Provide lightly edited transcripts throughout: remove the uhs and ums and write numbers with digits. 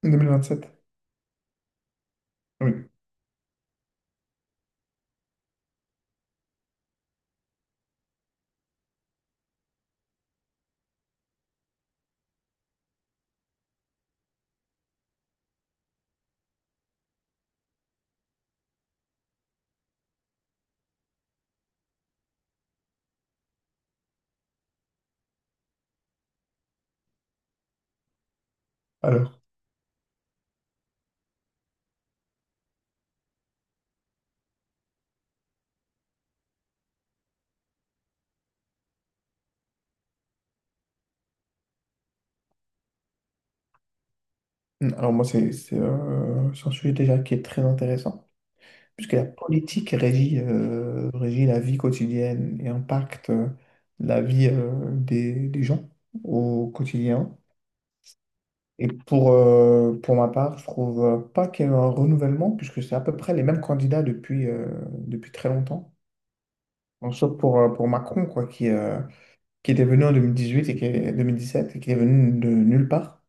2027. Oui. Alors, alors moi, c'est c'est un sujet déjà qui est très intéressant, puisque la politique régit, régit la vie quotidienne et impacte la vie des gens au quotidien. Et pour ma part, je trouve pas qu'il y ait un renouvellement, puisque c'est à peu près les mêmes candidats depuis très longtemps. Bon, sauf pour Macron, quoi, qui était venu en 2018 et 2017 et qui est venu de nulle part,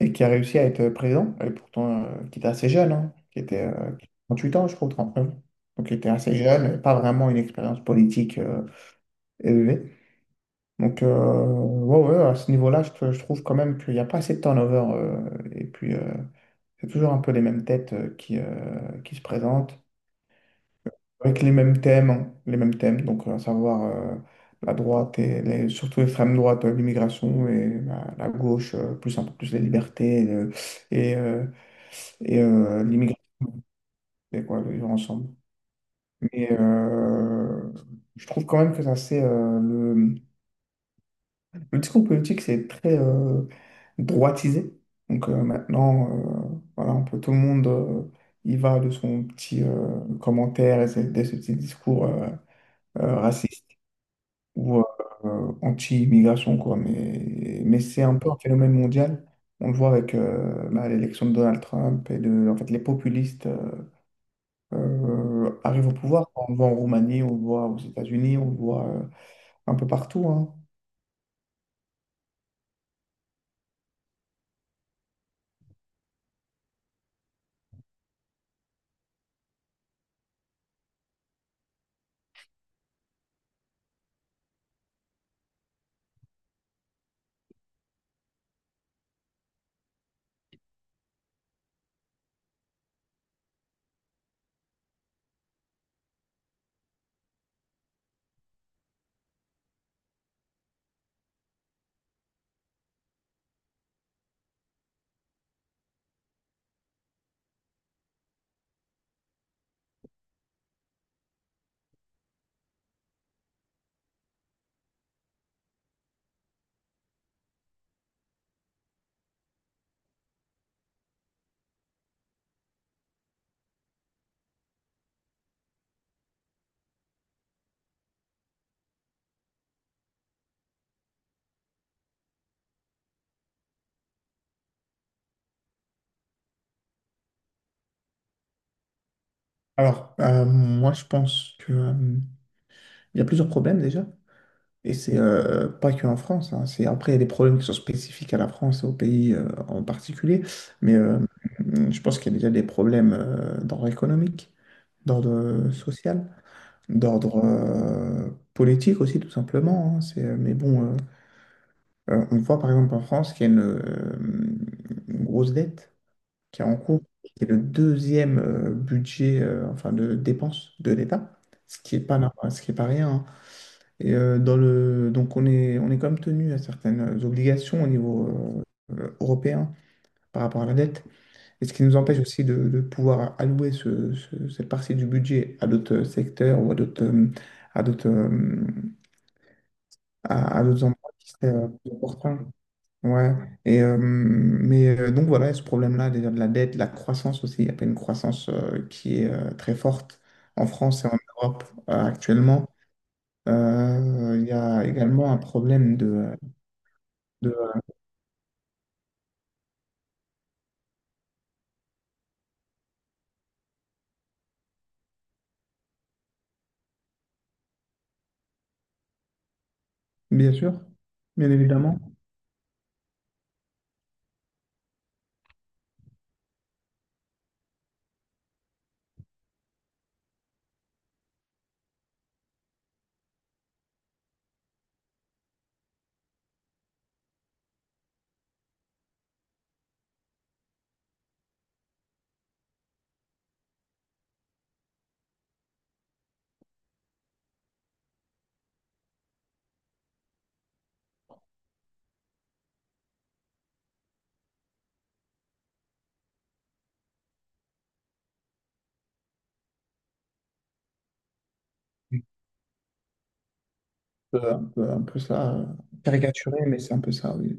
et qui a réussi à être présent, et pourtant qui était assez jeune, hein, qui était 38 ans, je crois, 39. Donc il était assez jeune, pas vraiment une expérience politique élevée. Donc ouais, ouais, à ce niveau-là, je trouve quand même qu'il n'y a pas assez de turnover. Et puis c'est toujours un peu les mêmes têtes qui qui se présentent, avec les mêmes thèmes, hein, les mêmes thèmes, donc à savoir la droite et surtout l'extrême droite, l'immigration, et la gauche, plus un peu plus les libertés, et, euh, et l'immigration et quoi de vivre ensemble. Mais je trouve quand même que ça c'est le discours politique c'est très droitisé. Donc maintenant voilà un peu tout le monde y va de son petit commentaire et de ce petit discours raciste ou anti-immigration quoi. Mais c'est un peu un phénomène mondial. On le voit avec bah, l'élection de Donald Trump et de en fait les populistes arrive au pouvoir. On le voit en Roumanie, on le voit aux États-Unis, on le voit un peu partout, hein. Alors, moi, je pense que il y a plusieurs problèmes déjà. Et c'est pas que en France, hein. C'est, après, il y a des problèmes qui sont spécifiques à la France et au pays en particulier. Mais je pense qu'il y a déjà des problèmes d'ordre économique, d'ordre social, d'ordre politique aussi, tout simplement, hein. On voit par exemple en France qu'il y a une grosse dette qui est en cours, qui est le deuxième budget enfin de dépenses de l'État, ce qui est pas normal, ce qui est pas rien, hein. Et dans le donc on est quand même tenu à certaines obligations au niveau européen par rapport à la dette, et ce qui nous empêche aussi de pouvoir allouer cette partie du budget à d'autres secteurs ou à d'autres à d'autres euh, à d'autres emplois qui seraient plus importants. Ouais, et donc voilà, il y a ce problème-là, déjà de la dette, la croissance aussi, il n'y a pas une croissance qui est très forte en France et en Europe actuellement. Il y a également un problème de bien sûr, bien évidemment, un peu ça, caricaturé, mais c'est un peu ça, oui.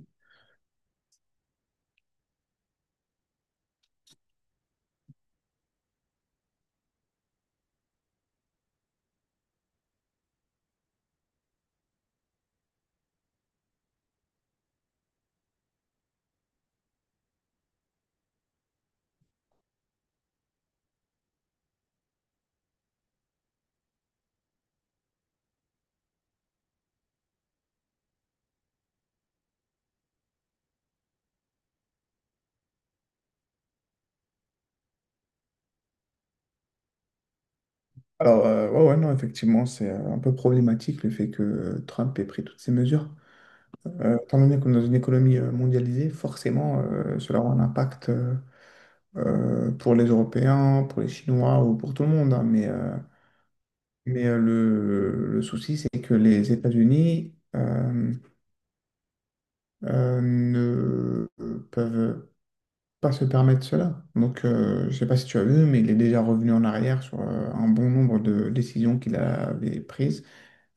Alors, ouais, ouais, non, effectivement, c'est un peu problématique le fait que Trump ait pris toutes ces mesures. Étant donné qu'on est dans une économie mondialisée, forcément, cela aura un impact pour les Européens, pour les Chinois ou pour tout le monde, hein. Mais le souci, c'est que les États-Unis ne peuvent pas se permettre cela. Donc, je ne sais pas si tu as vu, mais il est déjà revenu en arrière sur un bon nombre de décisions qu'il avait prises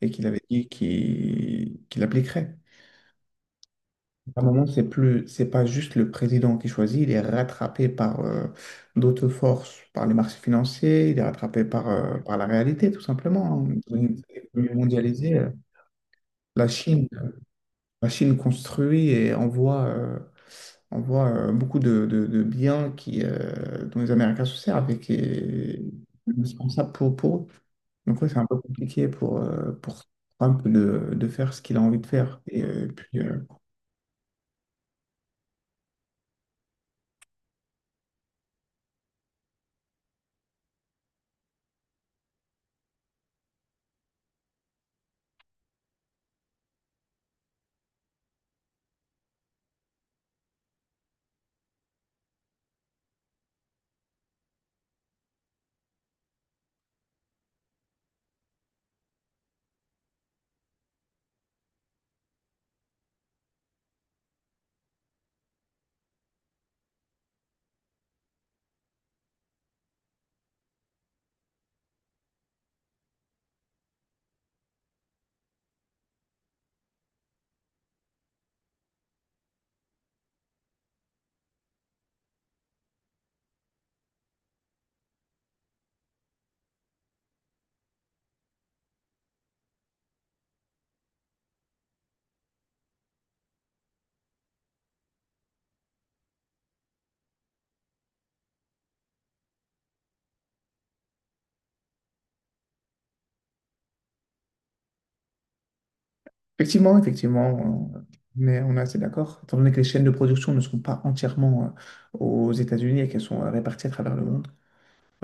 et qu'il avait dit qu'il appliquerait. À un moment, c'est pas juste le président qui choisit, il est rattrapé par d'autres forces, par les marchés financiers, il est rattrapé par la réalité, tout simplement, hein. Dans une économie mondialisée, la Chine, la Chine construit et envoie, envoie beaucoup de, de biens dont les Américains se servent et qui est indispensable pour eux. Donc, oui, c'est un peu compliqué pour Trump de faire ce qu'il a envie de faire. Effectivement, effectivement, on est assez d'accord. Étant donné que les chaînes de production ne sont pas entièrement aux États-Unis et qu'elles sont réparties à travers le monde,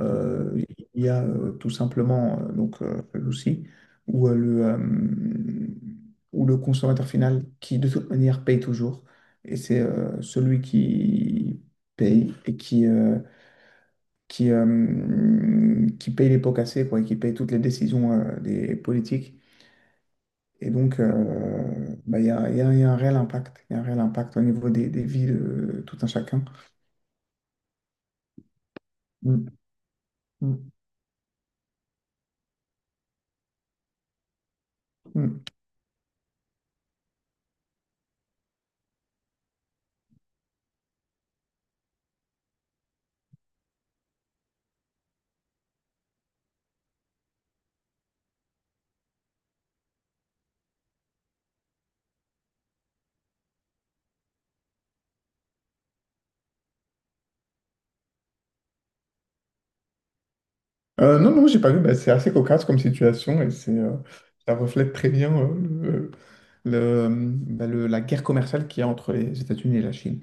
euh, il y a tout simplement le souci où euh, le euh, où le consommateur final qui de toute manière paye toujours et c'est celui qui paye et qui qui paye les pots cassés quoi et qui paye toutes les décisions des politiques et donc, bah, il y a un réel impact. Il y a un réel impact au niveau des vies de tout un chacun. Mm, mm, mm. Non, non, j'ai pas vu. Bah, c'est assez cocasse comme situation et ça reflète très bien le- bah, la guerre commerciale qu'il y a entre les États-Unis et la Chine.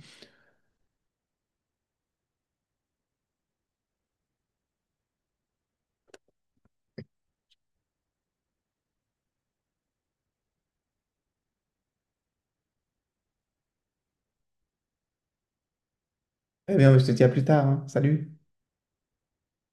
Eh bien, je te dis à plus tard, hein. Salut.